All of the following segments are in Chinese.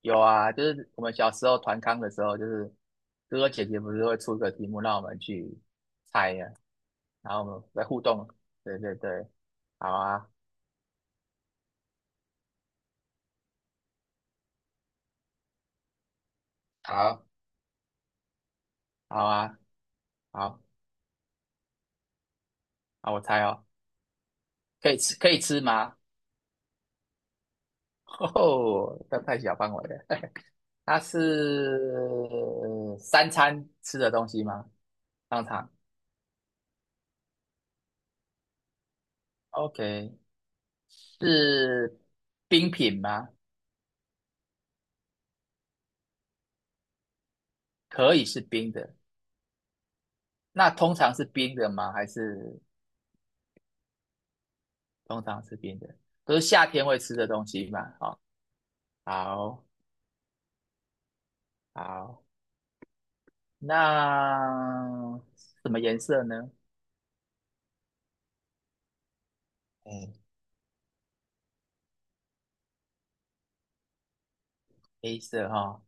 有啊，就是我们小时候团康的时候，哥哥姐姐不是会出一个题目让我们去猜呀、然后我们来互动。对对对，好啊，好，好啊，好，好，我猜哦，可以吃吗？哦，这太小范围了。它是三餐吃的东西吗？当场，OK,是冰品吗？可以是冰的，那通常是冰的吗？还是？通常吃冰的，都是夏天会吃的东西嘛。好，好，好，那什么颜色呢？哎，黑色哈、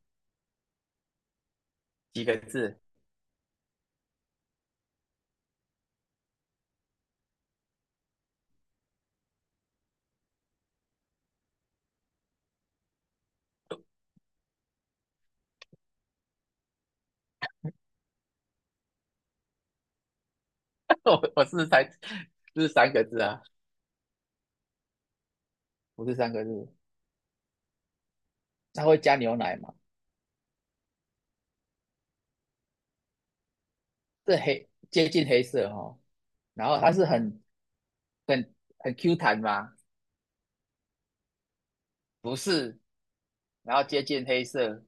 几个字？我是三个字啊，不是三个字。它会加牛奶嘛？这黑接近黑色哈、然后它是很Q 弹吗？不是，然后接近黑色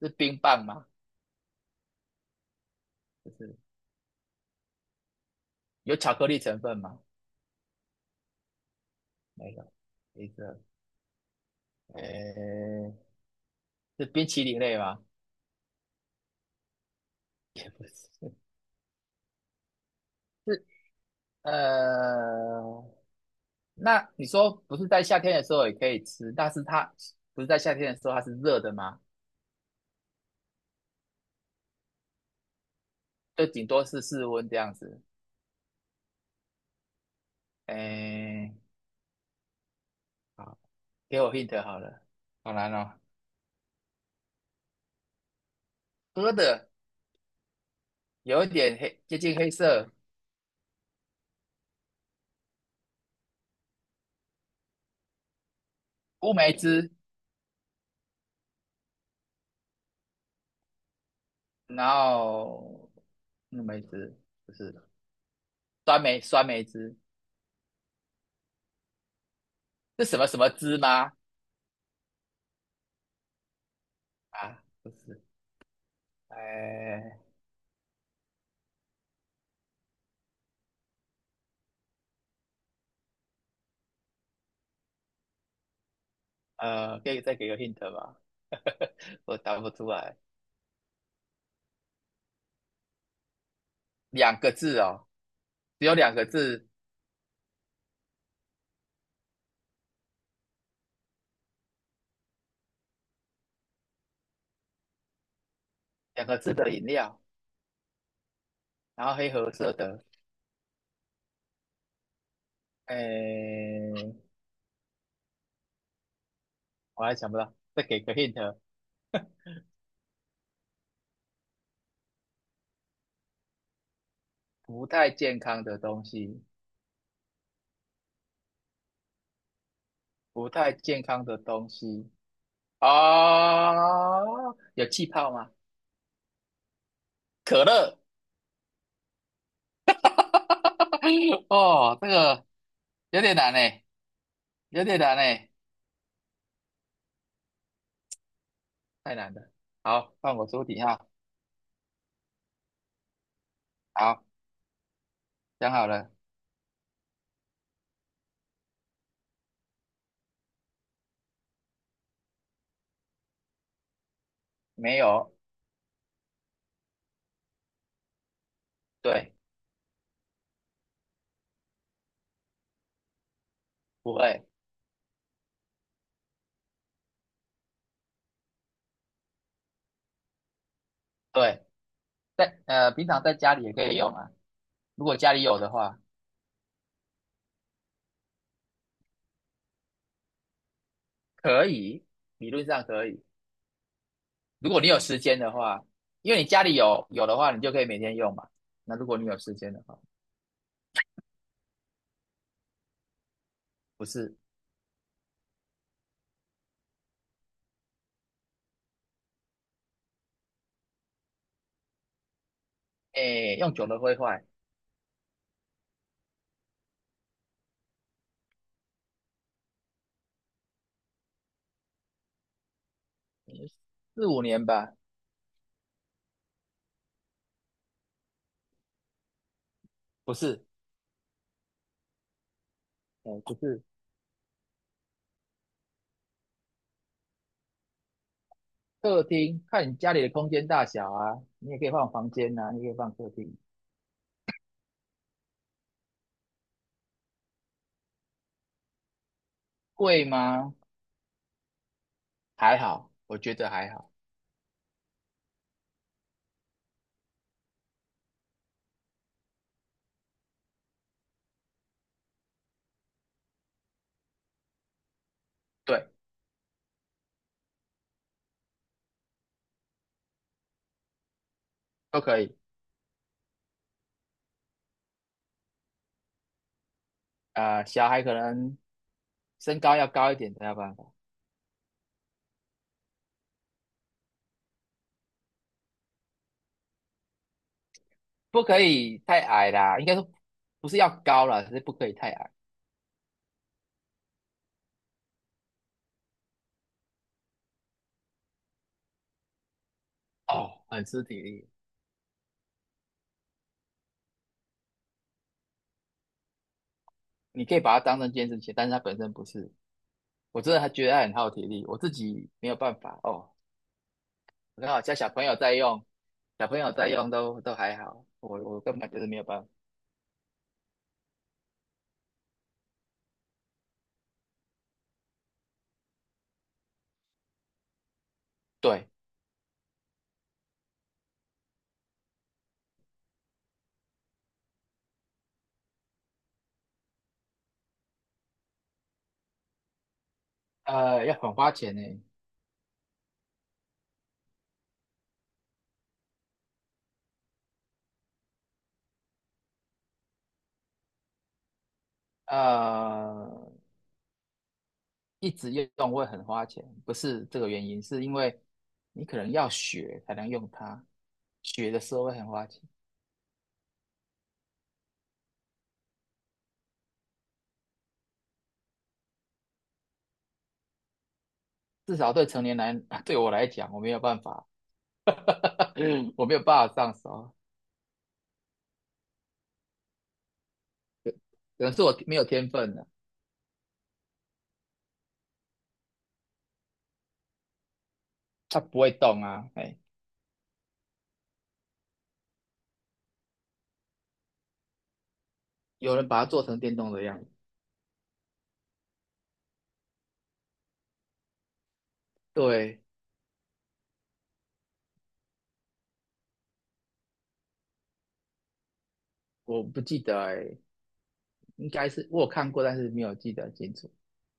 是冰棒吗？不是，有巧克力成分吗？没有，黑色，诶，是冰淇淋类吗？是呃，那你说不是在夏天的时候也可以吃，但是它不是在夏天的时候它是热的吗？就顶多是室温这样子。哎，好，给我 hint 好了，好难哦。喝的有一点黑，接近黑色，乌梅汁，然后乌梅汁不是酸梅酸梅汁，是什么什么汁吗？啊，不是，哎，可以再给个 hint 吧，我答不出来。两个字哦，只有两个字，两个字的饮料，然后黑褐色的，哎，我还想不到，再给个 hint,不太健康的东西，不太健康的东西哦，有气泡吗？可乐，哦，这个有点难诶，有点难诶，太难了。好，放我出底下。好，想好了没有？对，不会，对，在平常在家里也可以用啊。如果家里有的话，可以，理论上可以。如果你有时间的话，因为你家里有的话，你就可以每天用嘛。那如果你有时间的话，不是，哎，用久了会坏，四五年吧，不是，哎，不是。客厅看你家里的空间大小啊，你也可以放房间啊，你也可以放客厅。贵吗？还好，我觉得还好，对，都可以。啊、小孩可能身高要高一点才有办法，不可以太矮啦，应该说不是要高啦，只是不可以太矮。哦，很吃体力，你可以把它当成健身鞋，但是它本身不是。我真的还觉得它很耗体力，我自己没有办法哦。然好家小朋友在用，小朋友在用都还好，我根本就是没有办法。对，要很花钱呢，呃，一直用会很花钱，不是这个原因，是因为你可能要学才能用它，学的时候会很花钱，至少对成年男，对我来讲，我没有办法，我没有办法上手。可能是我没有天分的，啊它不会动啊。哎，有人把它做成电动的样子，对，我不记得哎，欸应该是我有看过，但是没有记得清楚。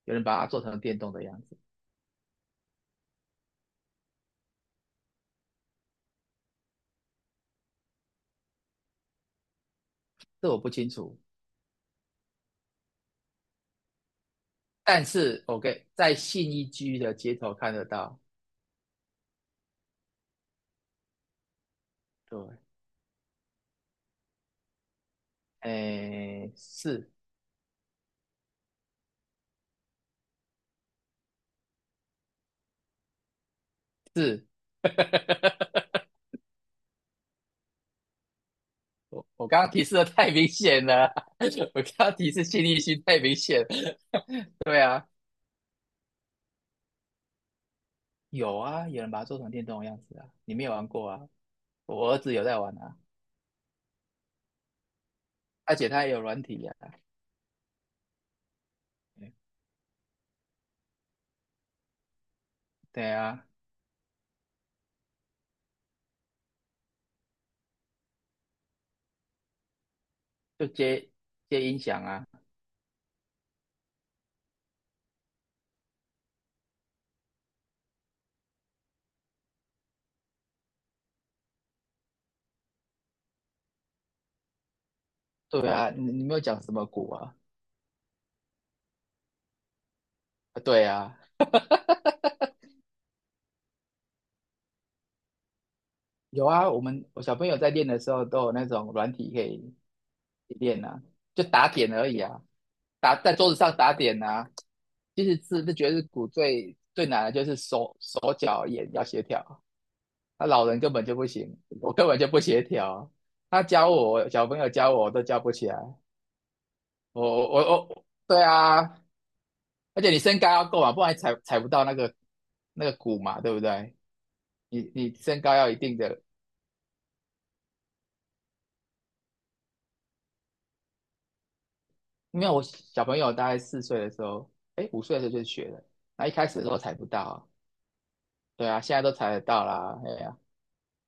有人把它做成电动的样子，这我不清楚。但是 OK,在信义区的街头看得到，对，哎，是，我刚刚提示的太明显了，我刚刚提示信义区太明显了，对啊，有啊，有人把它做成电动的样子啊，你没有玩过啊？我儿子有在玩啊，而且他也有软体呀、啊，对啊，就接接音响啊，对啊，你你没有讲什么鼓啊？啊对啊，有啊，我小朋友在练的时候都有那种软体可以练啊，就打点而已啊，打在桌子上打点啊。其实是觉得是鼓最最难的就是手脚眼要协调，那老人根本就不行，我根本就不协调，他教我小朋友教我我都教不起来，我我我，对啊，而且你身高要够嘛，不然踩不到那个鼓嘛，对不对？你你身高要一定的，因为我小朋友大概四岁的时候，哎，五岁的时候就学了，那一开始的时候踩不到啊对啊，现在都踩得到啦，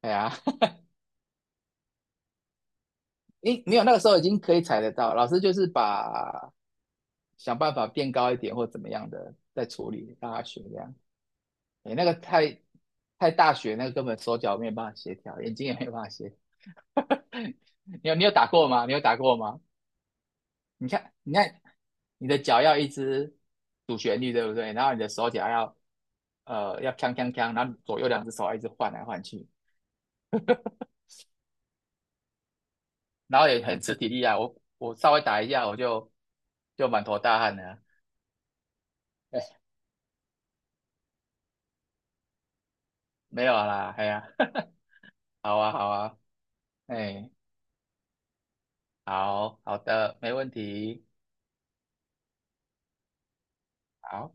哎呀、你没有那个时候已经可以踩得到，老师就是把想办法变高一点或怎么样的再处理让他学这样，哎，那个太大学那个根本手脚没有办法协调，眼睛也没有办法协调，你有打过吗？你有打过吗？你看，你看，你的脚要一直主旋律，对不对？然后你的手脚要要锵锵锵，然后左右两只手要一直换来换去，然后也很吃体力啊。我稍微打一下，就满头大汗了。哎，没有啦，哎呀，好啊，好啊，哎，好好的，没问题，好。